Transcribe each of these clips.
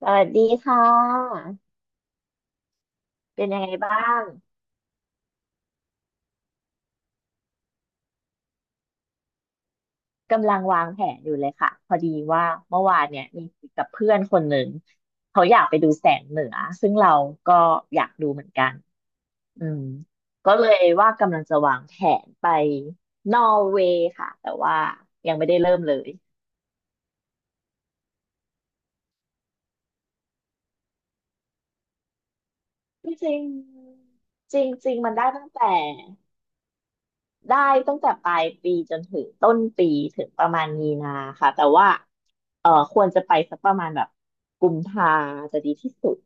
สวัสดีค่ะ เป็นยังไงบ้าง กำลังวางแผนอยู่เลยค่ะ พอดีว่าเมื่อวานเนี่ยมีคุยกับเพื่อนคนหนึ่งเขาอยากไปดูแสงเหนือซึ่งเราก็อยากดูเหมือนกันอืมก็เลยว่ากำลังจะวางแผนไปนอร์เวย์ค่ะ แต่ว่ายังไม่ได้เริ่มเลย จริงๆจริงๆมันได้ตั้งแต่ ได้ตั้งแต่ปลายปีจนถึงต้นปีถึงประมาณมีนาค่ะแต่ว่าควรจะไปสักประมาณแบบกุมภาจะดีที่สุด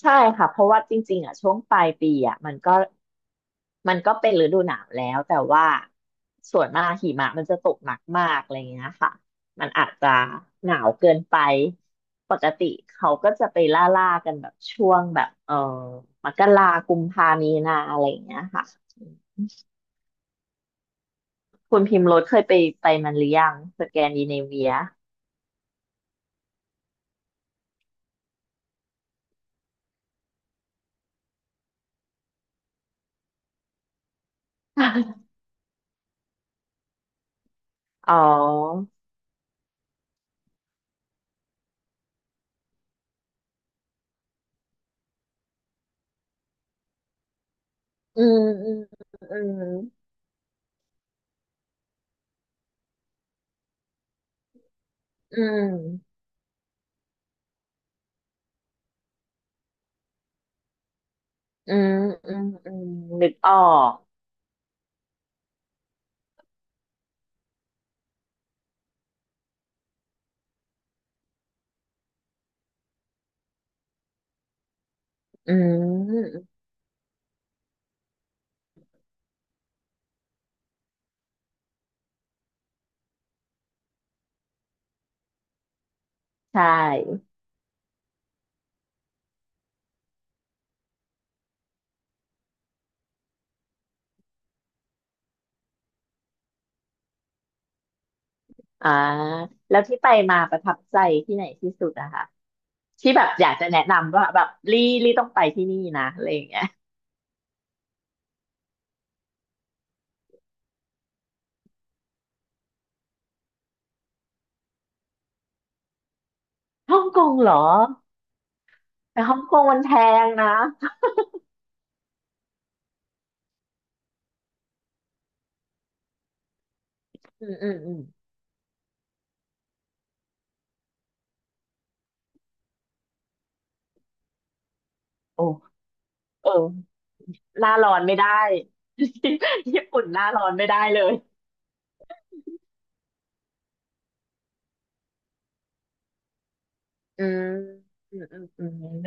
ใช่ค่ะเพราะว่าจริงๆอ่ะช่วงปลายปีอ่ะมันก็เป็นฤดูหนาวแล้วแต่ว่าส่วนมากหิมะมันจะตกหนักมากอะไรเงี้ยค่ะมันอาจจะหนาวเกินไปปกติเขาก็จะไปล่ากันแบบช่วงแบบมกรากุมภามีนาอะไรอย่างเงี้ยค่ะ คุณพิมพ์รถเคยไปมันหรือยังสแกนดิเนเวีย อ๋ออืมอืมอืมอืมอืมอืมนึกออกอืมใช่อ่าแล้วที่ไปมาประทับใจที่ไหนที่สุดอะคะที่แบบอยากจะแนะนำว่าแบบลี่ลี่ต้องไปที่นี่นะอะไรอย่างเงี้ย ฮ่องกงเหรอแต่ฮ่องกงมันแพงนะอืมโอ้เออหน้าร้อนไม่ได้ ญี่ปุ่นหน้าร้อนไม่ได้เลย อืมอืมอืมอืม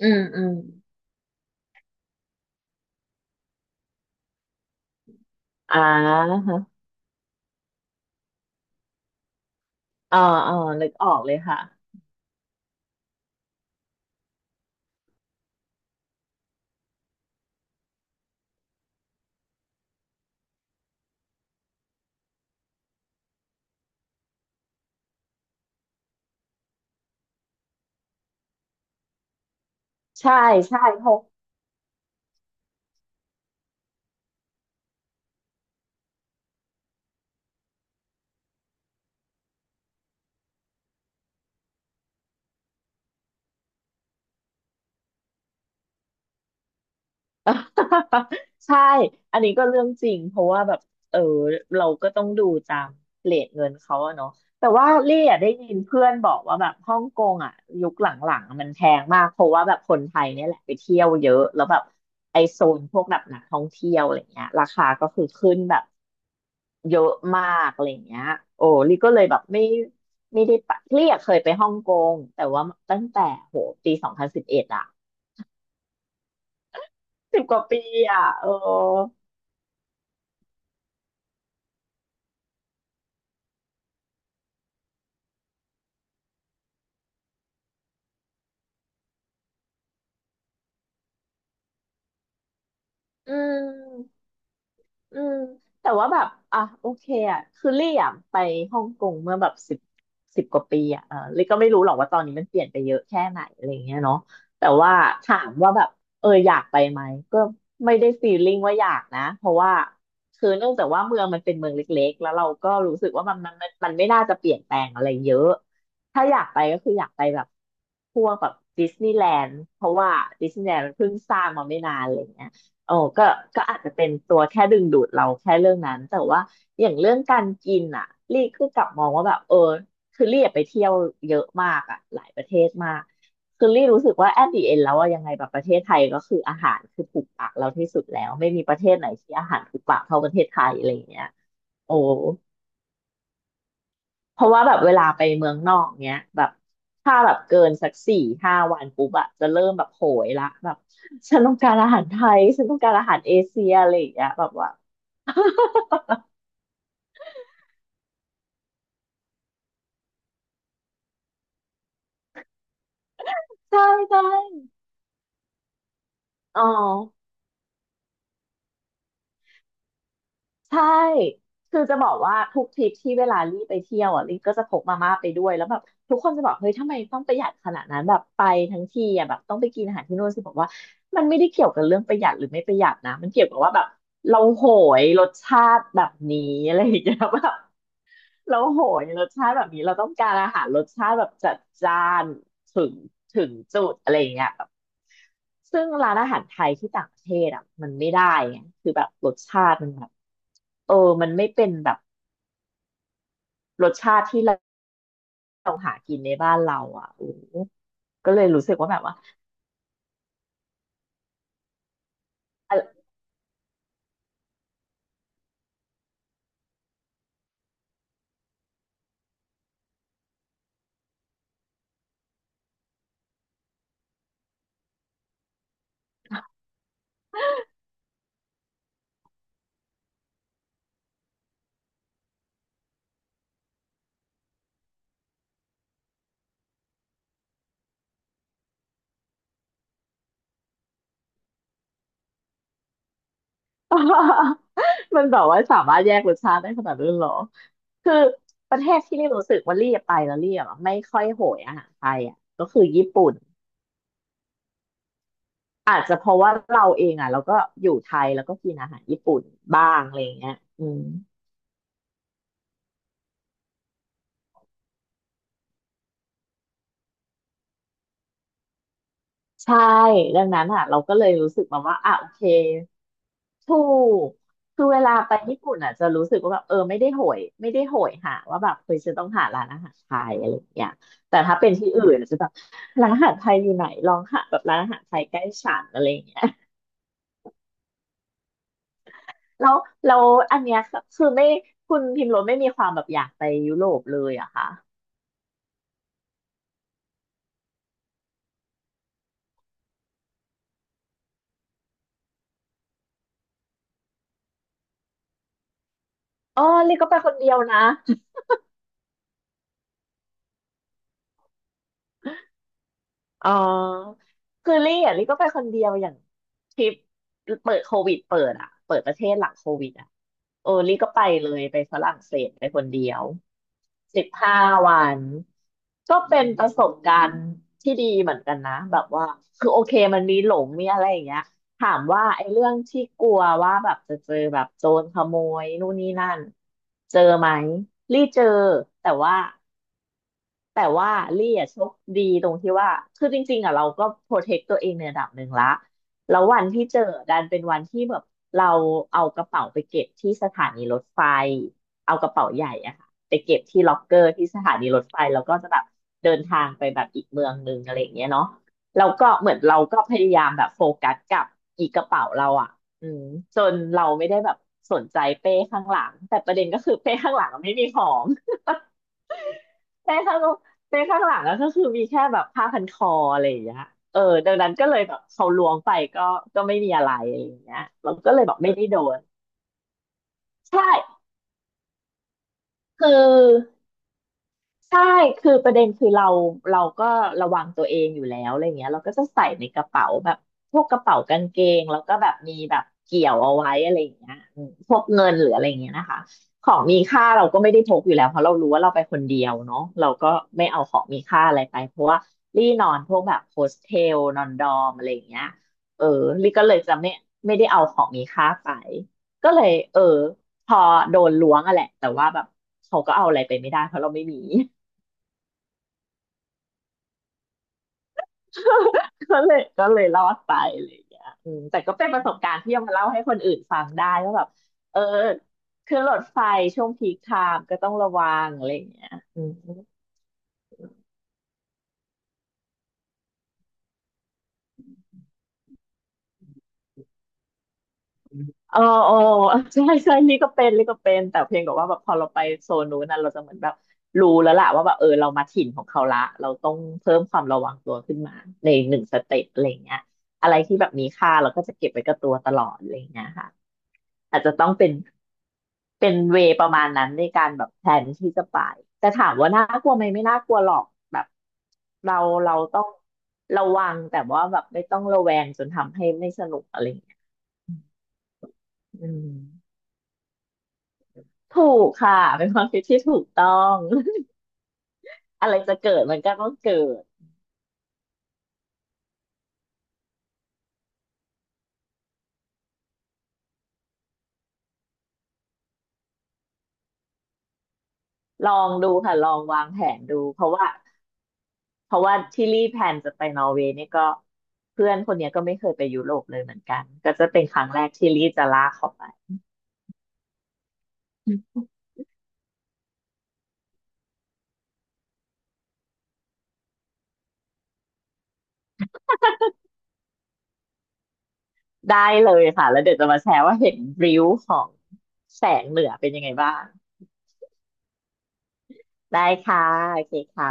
อืมอ่าฮะอ๋ออ๋อนึกออกเลยค่ะ ใช่ ใช่เพราะ ใช่ อันนี้ก็เรื่องจริงเพราะว่าแบบเออเราก็ต้องดูตามเรทเงินเขาอะเนาะแต่ว่าเรี่อะได้ยินเพื่อนบอกว่าแบบฮ่องกงอะยุคหลังๆอะมันแพงมากเพราะว่าแบบคนไทยเนี่ยแหละไปเที่ยวเยอะแล้วแบบไอโซนพวกแบบนักท่องเที่ยวอะไรเงี้ยราคาก็คือขึ้นแบบเยอะมากอะไรเงี้ยโอ้ลี่ก็เลยแบบไม่ได้ไปลี่อะเคยไปฮ่องกงแต่ว่าตั้งแต่โหปี2011อะสิบกว่าปีอะเออ อืมอืมแต่ว่าแบบอ่ะโอเคอ่ะคือลี่อ่ะไปฮ่องกงเมื่อแบบสิบกว่าปีอ่ะเออลี่ก็ไม่รู้หรอกว่าตอนนี้มันเปลี่ยนไปเยอะแค่ไหนอะไรเงี้ยเนาะแต่ว่าถามว่าแบบอยากไปไหมก็ไม่ได้ฟีลลิ่งว่าอยากนะเพราะว่าคือเนื่องจากว่าเมืองมันเป็นเมืองเล็กๆแล้วเราก็รู้สึกว่ามันไม่น่าจะเปลี่ยนแปลงอะไรเยอะถ้าอยากไปก็คืออยากไปแบบพวกแบบดิสนีย์แลนด์เพราะว่าดิสนีย์แลนด์มันเพิ่งสร้างมาไม่นานอะไรเงี้ย โอ้ก็ก็อาจจะเป็นตัวแค่ดึงดูดเราแค่เรื่องนั้นแต่ว่าอย่างเรื่องการกินอ่ะลี่ก็กลับมองว่าแบบคือลี่อะไปเที่ยวเยอะมากอ่ะหลายประเทศมากคือลี่รู้สึกว่า at the end แล้วอะยังไงแบบประเทศไทยก็คืออาหารคือถูกปากเราที่สุดแล้วไม่มีประเทศไหนที่อาหารถูกปากเท่าประเทศไทยอะไรอย่างเงี้ยโอ้ เพราะว่าแบบเวลาไปเมืองนอกเนี้ยแบบถ้าแบบเกินสักสี่ห้าวันปุ๊บอะจะเริ่มแบบโหยละแบบฉันต้องการอาหารไทยฉันต้องการอาหารเอเชียอะไรอย่างเงี้ยแบบว่า ใช่ใช่อ๋อ ใช่คือจะบอกว่าทุกทริปที่เวลาลี่ไปเที่ยวอ่ะลี่ก็จะพกมาม่าไปด้วยแล้วแบบทุกคนจะบอกเฮ้ยทำไมต้องประหยัดขนาดนั้นแบบไปทั้งทีอ่ะแบบต้องไปกินอาหารที่โนู่นสิบอกว่ามันไม่ได้เกี่ยวกับเรื่องประหยัดหรือไม่ประหยัดนะมันเกี่ยวกับว่าแบบเราโหยรสชาติแบบนี้อะไรอย่างเงี้ยแบบ แล้วโหยรสชาติแบบนี้เราต้องการอาหารรสชาติแบบจัดจ้านถึงถึงจุดอะไรอย่างเงี้ยแบบซึ่งร้านอาหารไทยที่ต่างประเทศอ่ะมันไม่ได้ไงคือแบบรสชาติมันแบบเออมันไม่เป็นแบบรสชาติที่เราหากินในบ้านเราอ่ะโอ้ก็เลยรู้สึกว่าแบบว่าอะ มันแบบว่าสามารถแยกรสชาติได้ขนาดนั้นเหรอคือประเทศที่รีรู้สึกว่ารีไปแล้วรีอะไม่ค่อยโหยอาหารไทยอ่ะก็คือญี่ปุ่น อาจจะเพราะว่าเราเองอ่ะเราก็อยู่ไทยแล้วก็กินอาหารญี่ปุ่นบ้างอะไรอย่างเงี้ยอืมใช่ดังนั้นอ่ะเราก็เลยรู้สึกมาว่าอ่ะโอเคถูกคือเวลาไปญี่ปุ่นอ่ะจะรู้สึกว่าแบบเออไม่ได้โหยหาว่าแบบเคยจะต้องหาร้านอาหารไทยอะไรอย่างเงี้ยแต่ถ้าเป็นที่อื่นจะแบบร้านอาหารไทยอยู่ไหนลองหาแบบร้านอาหารไทยใกล้ฉันอะไรอย่างเงี้ยแล้วแล้วอันเนี้ยคือไม่คุณพิมพ์รสไม่มีความแบบอยากไปยุโรปเลยหอะคะอ๋อเรียกก็ไปคนเดียวนะ อ๋อคือลี่อ่ะลี่ก็ไปคนเดียวอย่างทริปเปิดโควิดเปิดอ่ะเปิดประเทศหลังโควิดอ่ะโอ้ลี่ก็ไปเลยไปฝรั่งเศสไปคนเดียว15 วันก็เป็นประสบการณ์ที่ดีเหมือนกันนะแบบว่าคือโอเคมันมีหลงมีอะไรอย่างเงี้ยถามว่าไอ้เรื่องที่กลัวว่าแบบจะเจอแบบโจรขโมยนู่นนี่นั่นเจอไหมลี่เจอแต่ว่า แต่ว่าลี่อะโชคดีตรงที่ว่าคือจริงๆอ่ะเราก็โปรเทคตัวเองในระดับหนึ่งละแล้ววันที่เจอดันเป็นวันที่แบบเราเอากระเป๋าไปเก็บที่สถานีรถไฟเอากระเป๋าใหญ่อะค่ะไปเก็บที่ล็อกเกอร์ที่สถานีรถไฟแล้วก็จะแบบเดินทางไปแบบอีกเมืองหนึงอะไรอย่างเงี้ยเนาะแล้วก็เหมือนเราก็พยายามแบบโฟกัสกับอีกกระเป๋าเราอะอืมจนเราไม่ได้แบบสนใจเป้ข้างหลังแต่ประเด็นก็คือเป้ข้างหลังอะไม่มีของ เป้ข้างเป้ข้างหลังอะก็คือมีแค่แบบผ้าพันคออะไรอย่างเงี้ยเออดังนั้นก็เลยแบบเขาล้วงไปก็ไม่มีอะไรอะไรอย่างเงี้ยเราก็เลยแบบไม่ได้โดน ใช่คือ ใช่คือประเด็นคือเราก็ระวังตัวเองอยู่แล้วอะไรเงี้ยเราก็จะใส่ในกระเป๋าแบบพวกกระเป๋ากางเกงแล้วก็แบบมีแบบเกี่ยวเอาไว้อะไรอย่างเงี้ยพวกเงินหรืออะไรเงี้ยนะคะของมีค่าเราก็ไม่ได้พกอยู่แล้วเพราะเรารู้ว่าเราไปคนเดียวเนาะเราก็ไม่เอาของมีค่าอะไรไปเพราะว่ารี่นอนพวกแบบโฮสเทลนอนดอมอะไรอย่างเงี้ยเออลี่ก็เลยจะไม่ได้เอาของมีค่าไปก็เลยเออพอโดนล้วงอะแหละแต่ว่าแบบเขาก็เอาอะไรไปไม่ได้เพราะเราไม่มี ก็เลยรอดไปอะไรอย่างเงี้ยแต่ก็เป็นประสบการณ์ที่เอามาเล่าให้คนอื่นฟังได้ว่าแบบเออคือหรถไฟช่วงพีคไทม์ก็ต้องระวังอะไรอย่างเงี้ยอืม เออเออ ใช่ใช่นี่ก็เป็นแต่เพียงแต่ว่าแบบพอเราไปโซนนู้นน่ะเราจะเหมือนแบบรู้แล้วล่ะว่าแบบเออเรามาถิ่นของเขาละเราต้องเพิ่มความระวังตัวขึ้นมาในหนึ่งสเต็ปอะไรเงี้ยอะไรที่แบบมีค่าเราก็จะเก็บไว้กับตัวตลอดอะไรเงี้ยค่ะอาจจะต้องเป็นเวย์ประมาณนั้นในการแบบแพลนที่จะไปแต่ถามว่าน่ากลัวไหมไม่น่ากลัวหรอกแบบเราเราต้องระวังแต่ว่าแบบไม่ต้องระแวงจนทำให้ไม่สนุกอะไรเงี้ย อืมถูกค่ะเป็นความคิดที่ถูกต้อง อะไรจะเกิดมันก็ต้องเกิดลองดูค่ะลองวางแผนดูเพราะว่าที่รีแพลนจะไปนอร์เวย์เนี่ยก็เพื่อนคนเนี้ยก็ไม่เคยไปยุโรปเลยเหมือนกันก็จะเป็นครั้งแรกที่รีจะลากเขาไปได้เลยค่ะแล้วเดี๋ยวจะมาแชร์ว่าเห็นริ้วของแสงเหนือเป็นยังไงบ้างได้ค่ะโอเคค่ะ